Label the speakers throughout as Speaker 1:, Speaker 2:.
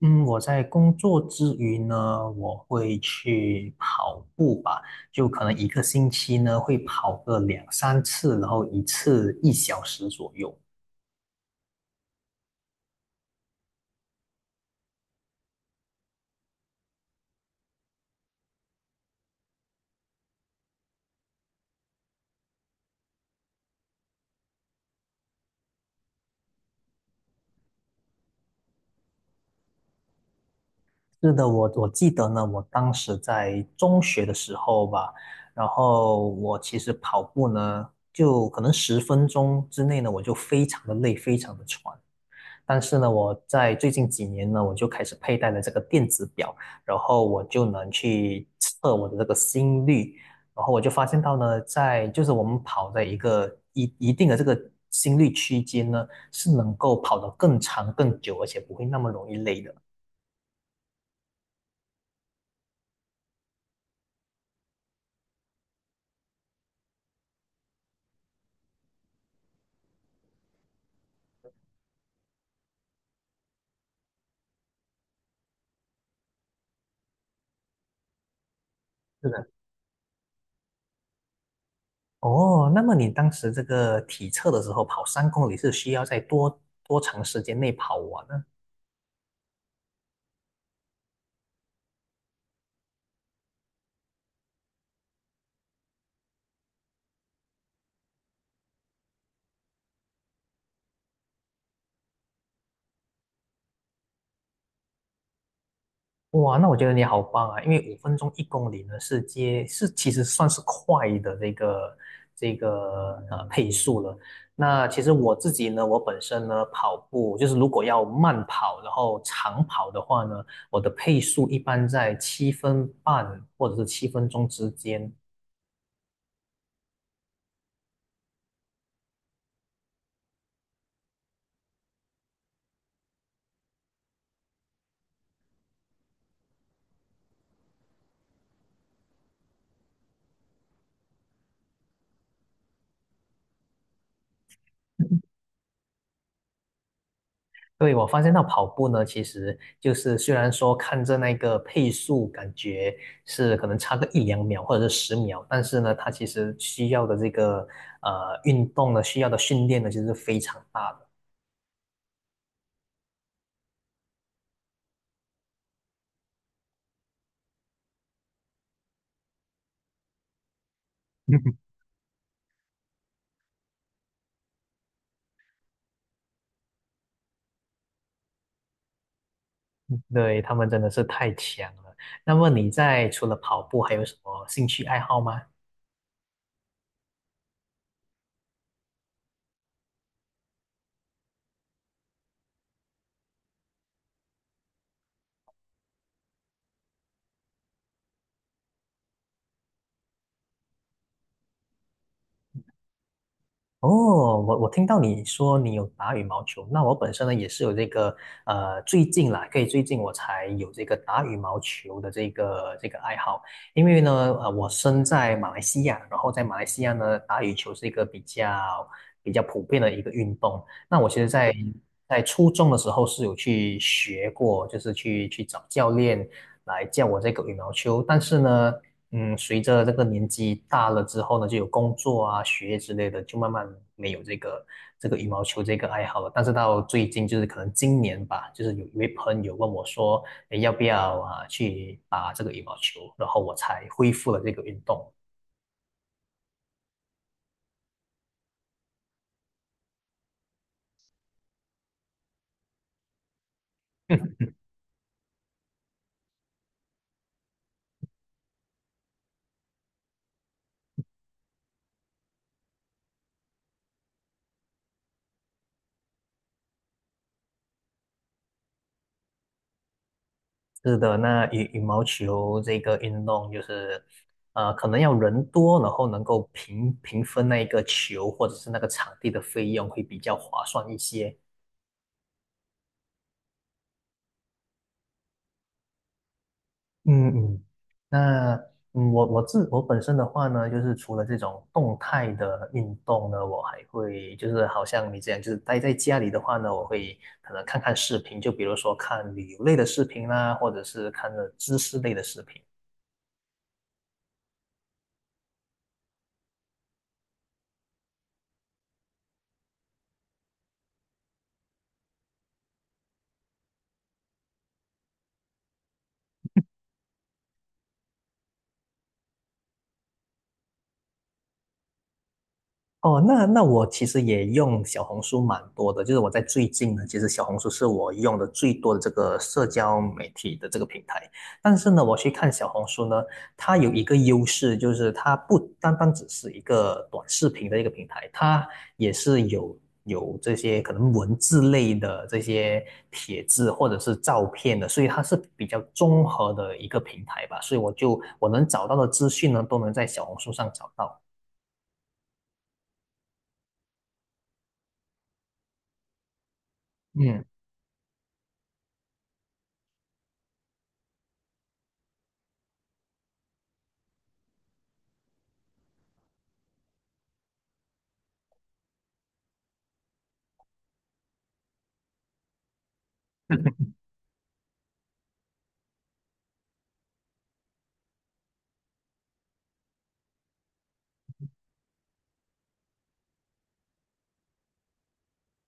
Speaker 1: 嗯，我在工作之余呢，我会去跑步吧，就可能一个星期呢会跑个两三次，然后一次一小时左右。是的，我记得呢，我当时在中学的时候吧，然后我其实跑步呢，就可能10分钟之内呢，我就非常的累，非常的喘。但是呢，我在最近几年呢，我就开始佩戴了这个电子表，然后我就能去测我的这个心率，然后我就发现到呢，在就是我们跑在一个一定的这个心率区间呢，是能够跑得更长更久，而且不会那么容易累的。是的。哦，那么你当时这个体测的时候，跑3公里是需要在多长时间内跑完呢？哇，那我觉得你好棒啊！因为5分钟一公里呢，是其实算是快的这个配速了。那其实我自己呢，我本身呢跑步就是如果要慢跑，然后长跑的话呢，我的配速一般在7分半或者是7分钟之间。对，我发现到跑步呢，其实就是虽然说看着那个配速，感觉是可能差个一两秒或者是10秒，但是呢，它其实需要的这个运动呢，需要的训练呢，其实是非常大的。对，他们真的是太强了。那么你在除了跑步，还有什么兴趣爱好吗？哦，我听到你说你有打羽毛球，那我本身呢也是有这个最近啦，最近我才有这个打羽毛球的这个爱好，因为呢，我身在马来西亚，然后在马来西亚呢，打羽球是一个比较普遍的一个运动。那我其实在，在初中的时候是有去学过，就是去找教练来教我这个羽毛球，但是呢。随着这个年纪大了之后呢，就有工作啊、学业之类的，就慢慢没有这个羽毛球这个爱好了。但是到最近，就是可能今年吧，就是有一位朋友问我说，诶，要不要啊去打这个羽毛球？然后我才恢复了这个运动。是的，那羽毛球这个运动就是，可能要人多，然后能够平分那一个球或者是那个场地的费用会比较划算一些。嗯嗯，那我自我本身的话呢，就是除了这种动态的运动呢，我还会就是好像你这样，就是待在家里的话呢，我会可能看看视频，就比如说看旅游类的视频啦，或者是看了知识类的视频。哦，那我其实也用小红书蛮多的，就是我在最近呢，其实小红书是我用的最多的这个社交媒体的这个平台。但是呢，我去看小红书呢，它有一个优势，就是它不单单只是一个短视频的一个平台，它也是有这些可能文字类的这些帖子或者是照片的，所以它是比较综合的一个平台吧。所以我能找到的资讯呢，都能在小红书上找到。嗯。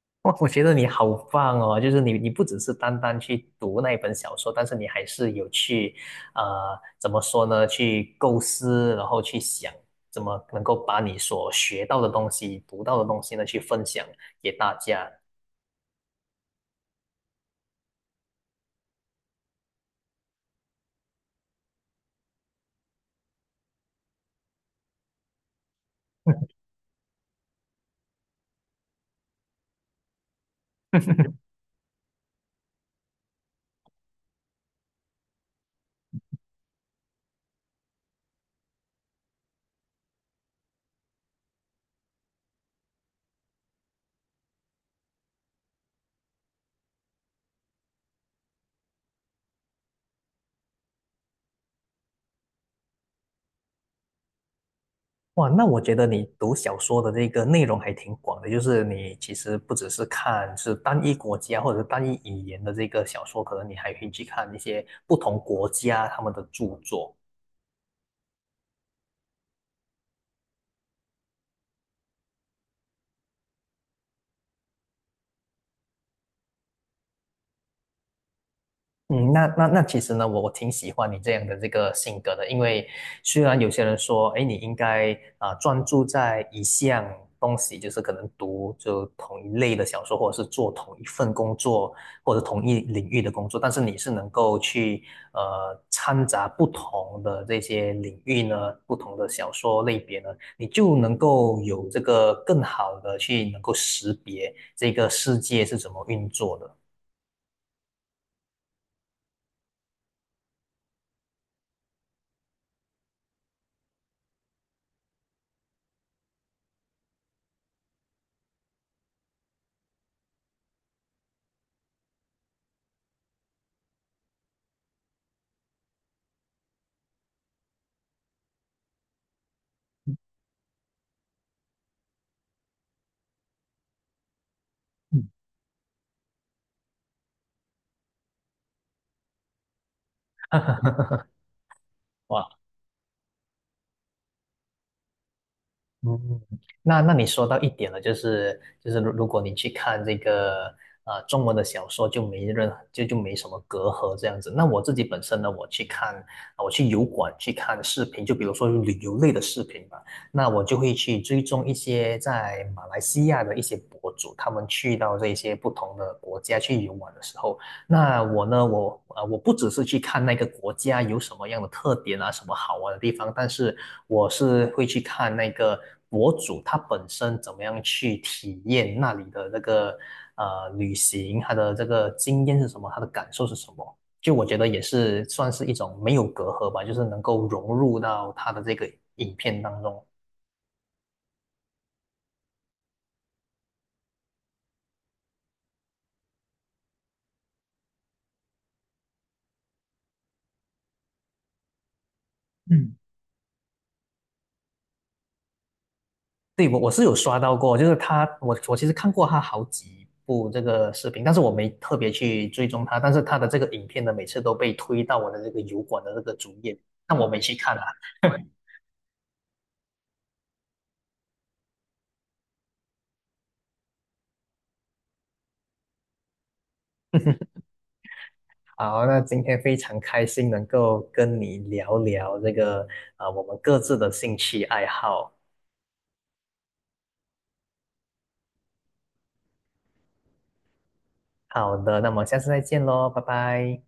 Speaker 1: 哇，我觉得你好棒哦！就是你不只是单单去读那一本小说，但是你还是有去，怎么说呢？去构思，然后去想怎么能够把你所学到的东西、读到的东西呢，去分享给大家。哇，那我觉得你读小说的这个内容还挺广的，就是你其实不只是看单一国家或者是单一语言的这个小说，可能你还可以去看一些不同国家他们的著作。嗯，那其实呢，我挺喜欢你这样的这个性格的，因为虽然有些人说，哎，你应该啊、专注在一项东西，就是可能同一类的小说，或者是做同一份工作，或者同一领域的工作，但是你是能够去掺杂不同的这些领域呢，不同的小说类别呢，你就能够有这个更好的去能够识别这个世界是怎么运作的。嗯，哇，嗯，那你说到一点了，就是如果你去看这个中文的小说，就没任就就没什么隔阂这样子。那我自己本身呢，我去油管去看视频，就比如说旅游类的视频吧，那我就会去追踪一些在马来西亚的一些博主，他们去到这些不同的国家去游玩的时候，那我呢，我不只是去看那个国家有什么样的特点啊，什么好玩的地方，但是我是会去看那个博主他本身怎么样去体验那里的那个旅行，他的这个经验是什么，他的感受是什么。就我觉得也是算是一种没有隔阂吧，就是能够融入到他的这个影片当中。对，我是有刷到过，就是他，我其实看过他好几部这个视频，但是我没特别去追踪他，但是他的这个影片呢，每次都被推到我的这个油管的这个主页，但我没去看啊。好，那今天非常开心能够跟你聊聊这个啊，我们各自的兴趣爱好。好的，那么下次再见喽，拜拜。